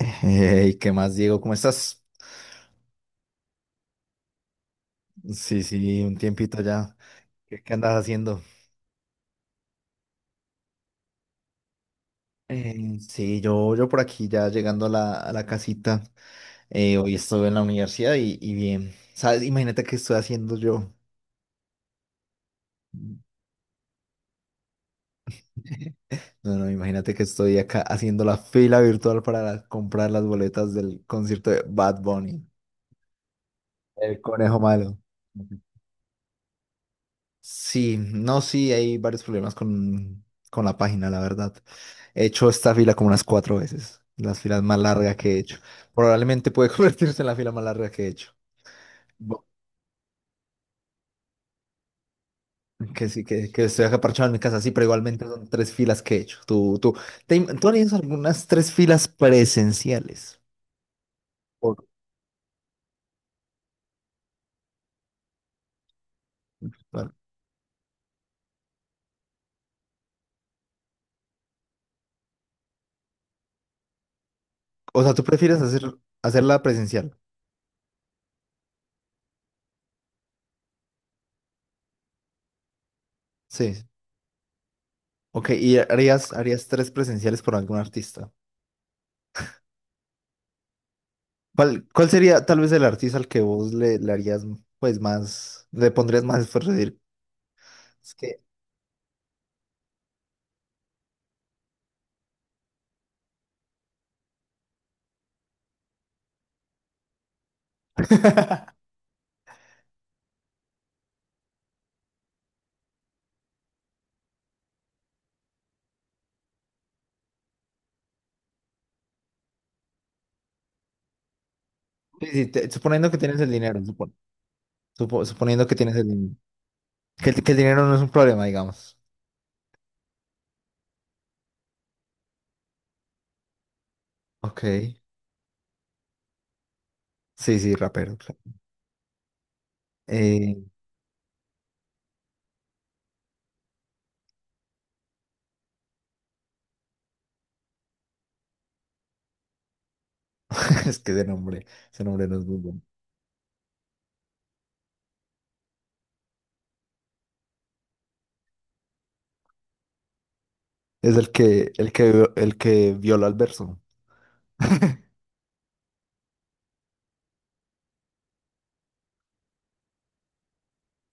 Hey, ¿qué más, Diego? ¿Cómo estás? Sí, sí, un tiempito ya. ¿Qué andas haciendo? Sí, yo por aquí ya llegando a la casita. Hoy estuve en la universidad y bien. ¿Sabes? Imagínate qué estoy haciendo yo. No, no, imagínate que estoy acá haciendo la fila virtual para comprar las boletas del concierto de Bad Bunny, el conejo malo. Ujú. Sí, no, sí, hay varios problemas con la página, la verdad. He hecho esta fila como unas cuatro veces, las filas más largas que he hecho. Probablemente puede convertirse en la fila más larga que he hecho. Bo- Que sí, que estoy acá parchado en mi casa, sí, pero igualmente son tres filas que he hecho. Tú harías algunas tres filas presenciales. Por- o sea, tú prefieres hacerla presencial. Sí. Ok, y harías tres presenciales por algún artista. ¿Cuál sería tal vez el artista al que vos le harías pues más, le pondrías más esfuerzo? Es decir, sí, sí, suponiendo que tienes el dinero, suponiendo que tienes el dinero. Que el dinero no es un problema, digamos. Ok. Sí, sí, rapero. Claro. Eh, es que ese nombre no es muy bueno. Es el que, el que, el que viola al verso.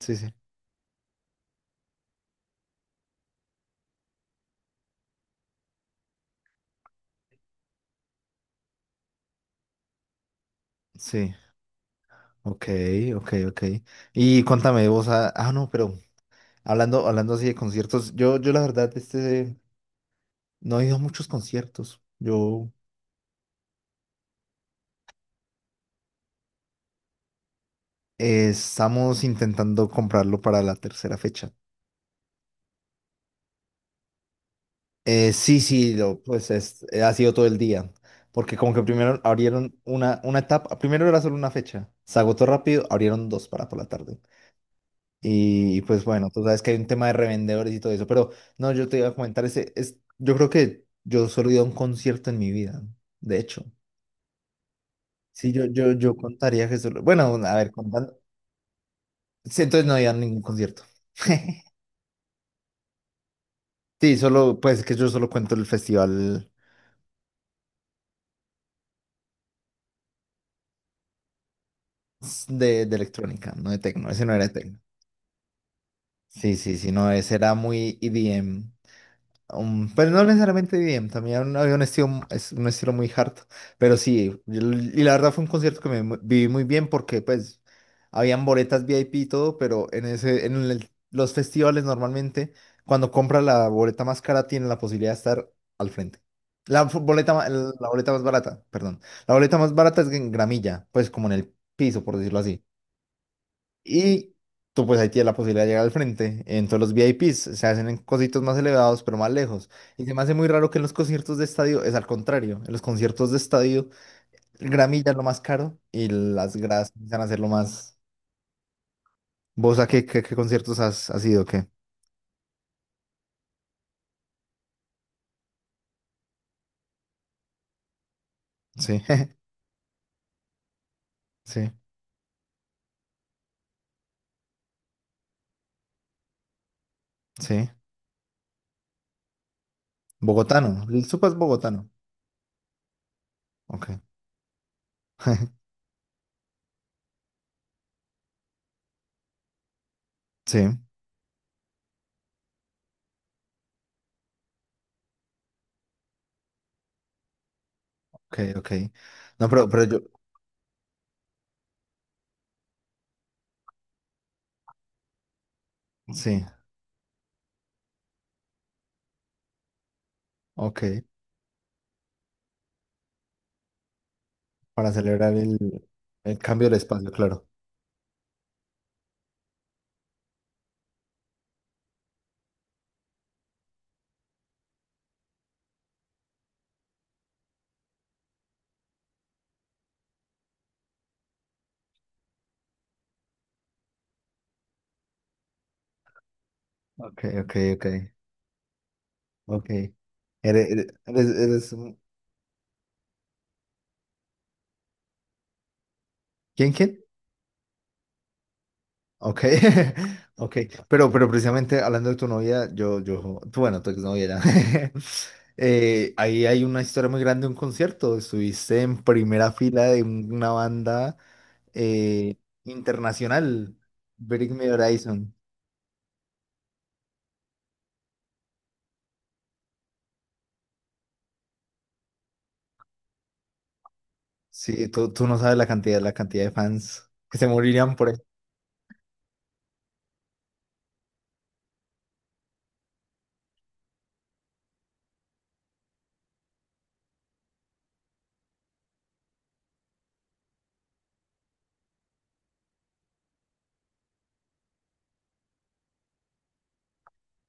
Sí, sí. Sí. Ok, ok, ok. Y cuéntame vos, ah, ah, no, pero hablando así de conciertos, yo la verdad, no he ido a muchos conciertos. Yo, estamos intentando comprarlo para la tercera fecha. Sí, sí, pues es, ha sido todo el día, porque como que primero abrieron una etapa, primero era solo una fecha, se agotó rápido, abrieron dos para por la tarde. Y pues bueno, tú sabes que hay un tema de revendedores y todo eso, pero no, yo te iba a comentar ese, es, yo creo que yo solo he ido a un concierto en mi vida, de hecho. Sí, yo contaría que solo, bueno, a ver, contando, sí, entonces no había ningún concierto. Sí, solo, pues que yo solo cuento el festival de electrónica, no de tecno, ese no era de tecno. Sí, sí, sí, no, ese era muy EDM. Pero no necesariamente EDM, también había un estilo, es un estilo muy hard. Pero sí, y la verdad fue un concierto que viví muy bien porque pues habían boletas VIP y todo, pero en ese, en los festivales normalmente cuando compras la boleta más cara tienes la posibilidad de estar al frente. La boleta, la boleta más barata, perdón. La boleta más barata es en gramilla, pues como en el piso, por decirlo así. Y tú pues ahí tienes la posibilidad de llegar al frente. Entonces los VIPs se hacen en cositos más elevados, pero más lejos. Y se me hace muy raro que en los conciertos de estadio es al contrario. En los conciertos de estadio, el gramilla es lo más caro y las gradas empiezan a ser lo más... ¿Vos a qué conciertos has ido? ¿Qué? Sí, sí, sí. Bogotano. El Supa es bogotano. Ok. Sí, ok, ok. No, pero yo... Sí, ok. Para celebrar el cambio del espacio, claro. Ok, ok, ok. Ok. Eres un- ¿Quién, quién? Ok. Ok. Pero precisamente hablando de tu novia, yo, tú, bueno, tu exnovia era. Eh, ahí hay una historia muy grande de un concierto. Estuviste en primera fila de una banda eh, internacional, Bring Me Horizon. Sí, tú no sabes la cantidad de fans que se morirían por él.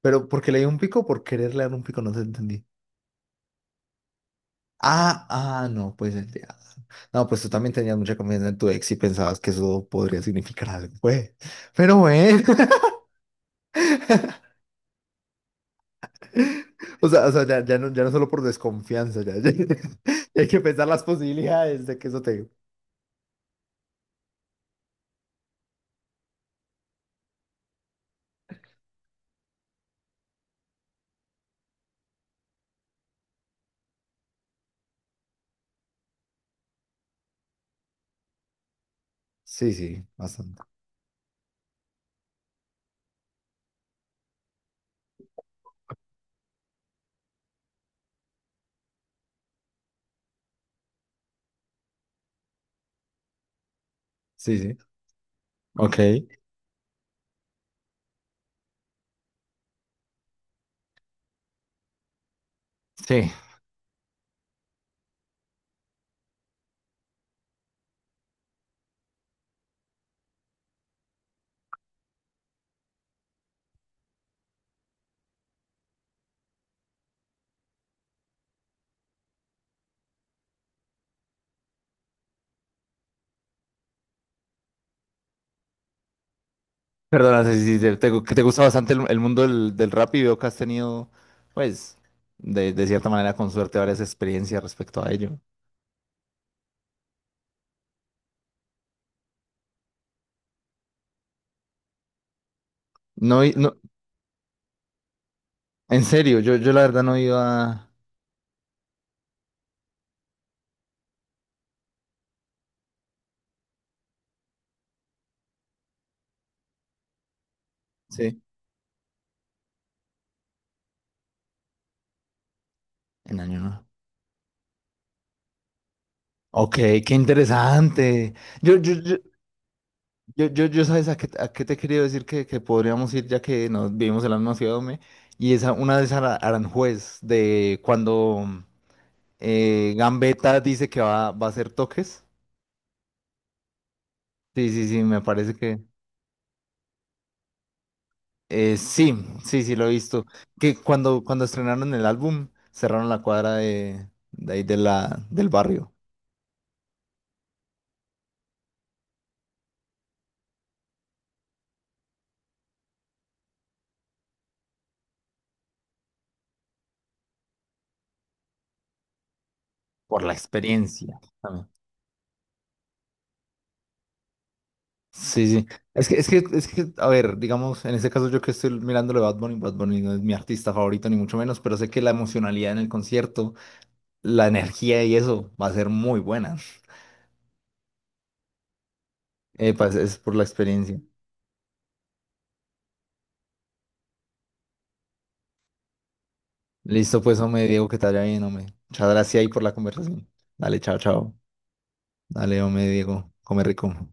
Pero porque le dio un pico, por quererle dar un pico, no te entendí. Ah, ah, no, pues el de Adam. No, pues tú también tenías mucha confianza en tu ex y pensabas que eso podría significar algo, pues. Pero bueno. O sea, ya, ya no, ya no solo por desconfianza, ya, ya- ya hay que pensar las posibilidades de que eso te. Sí, sí, bastante. Sí, sí. Ok. Sí. Perdona, sí, sí, que te gusta bastante el mundo del rap y veo que has tenido, pues, de cierta manera, con suerte, varias experiencias respecto a ello. No, no, en serio, yo la verdad no iba. Sí. En año nuevo. Ok, qué interesante. Yo, yo, yo, yo, sabes a qué te quería decir que podríamos ir ya que nos vivimos en la misma ciudad, hombre. Y esa, una de esas Aranjuez, de cuando Gambetta dice que va, va a hacer toques. Sí, sí, sí, me parece que. Eh, sí, sí, sí, lo he visto. Que cuando estrenaron el álbum, cerraron la cuadra de ahí de del barrio. Por la experiencia. Sí, sí. Es que, es que, es que, a ver, digamos, en este caso yo que estoy mirando de Bad Bunny, Bad Bunny no es mi artista favorito ni mucho menos, pero sé que la emocionalidad en el concierto, la energía y eso va a ser muy buena. Pues, es por la experiencia. Listo, pues, hombre, Diego, que te vaya bien, hombre. Muchas gracias ahí por la conversación. Dale, chao, chao. Dale, hombre, Diego, come rico.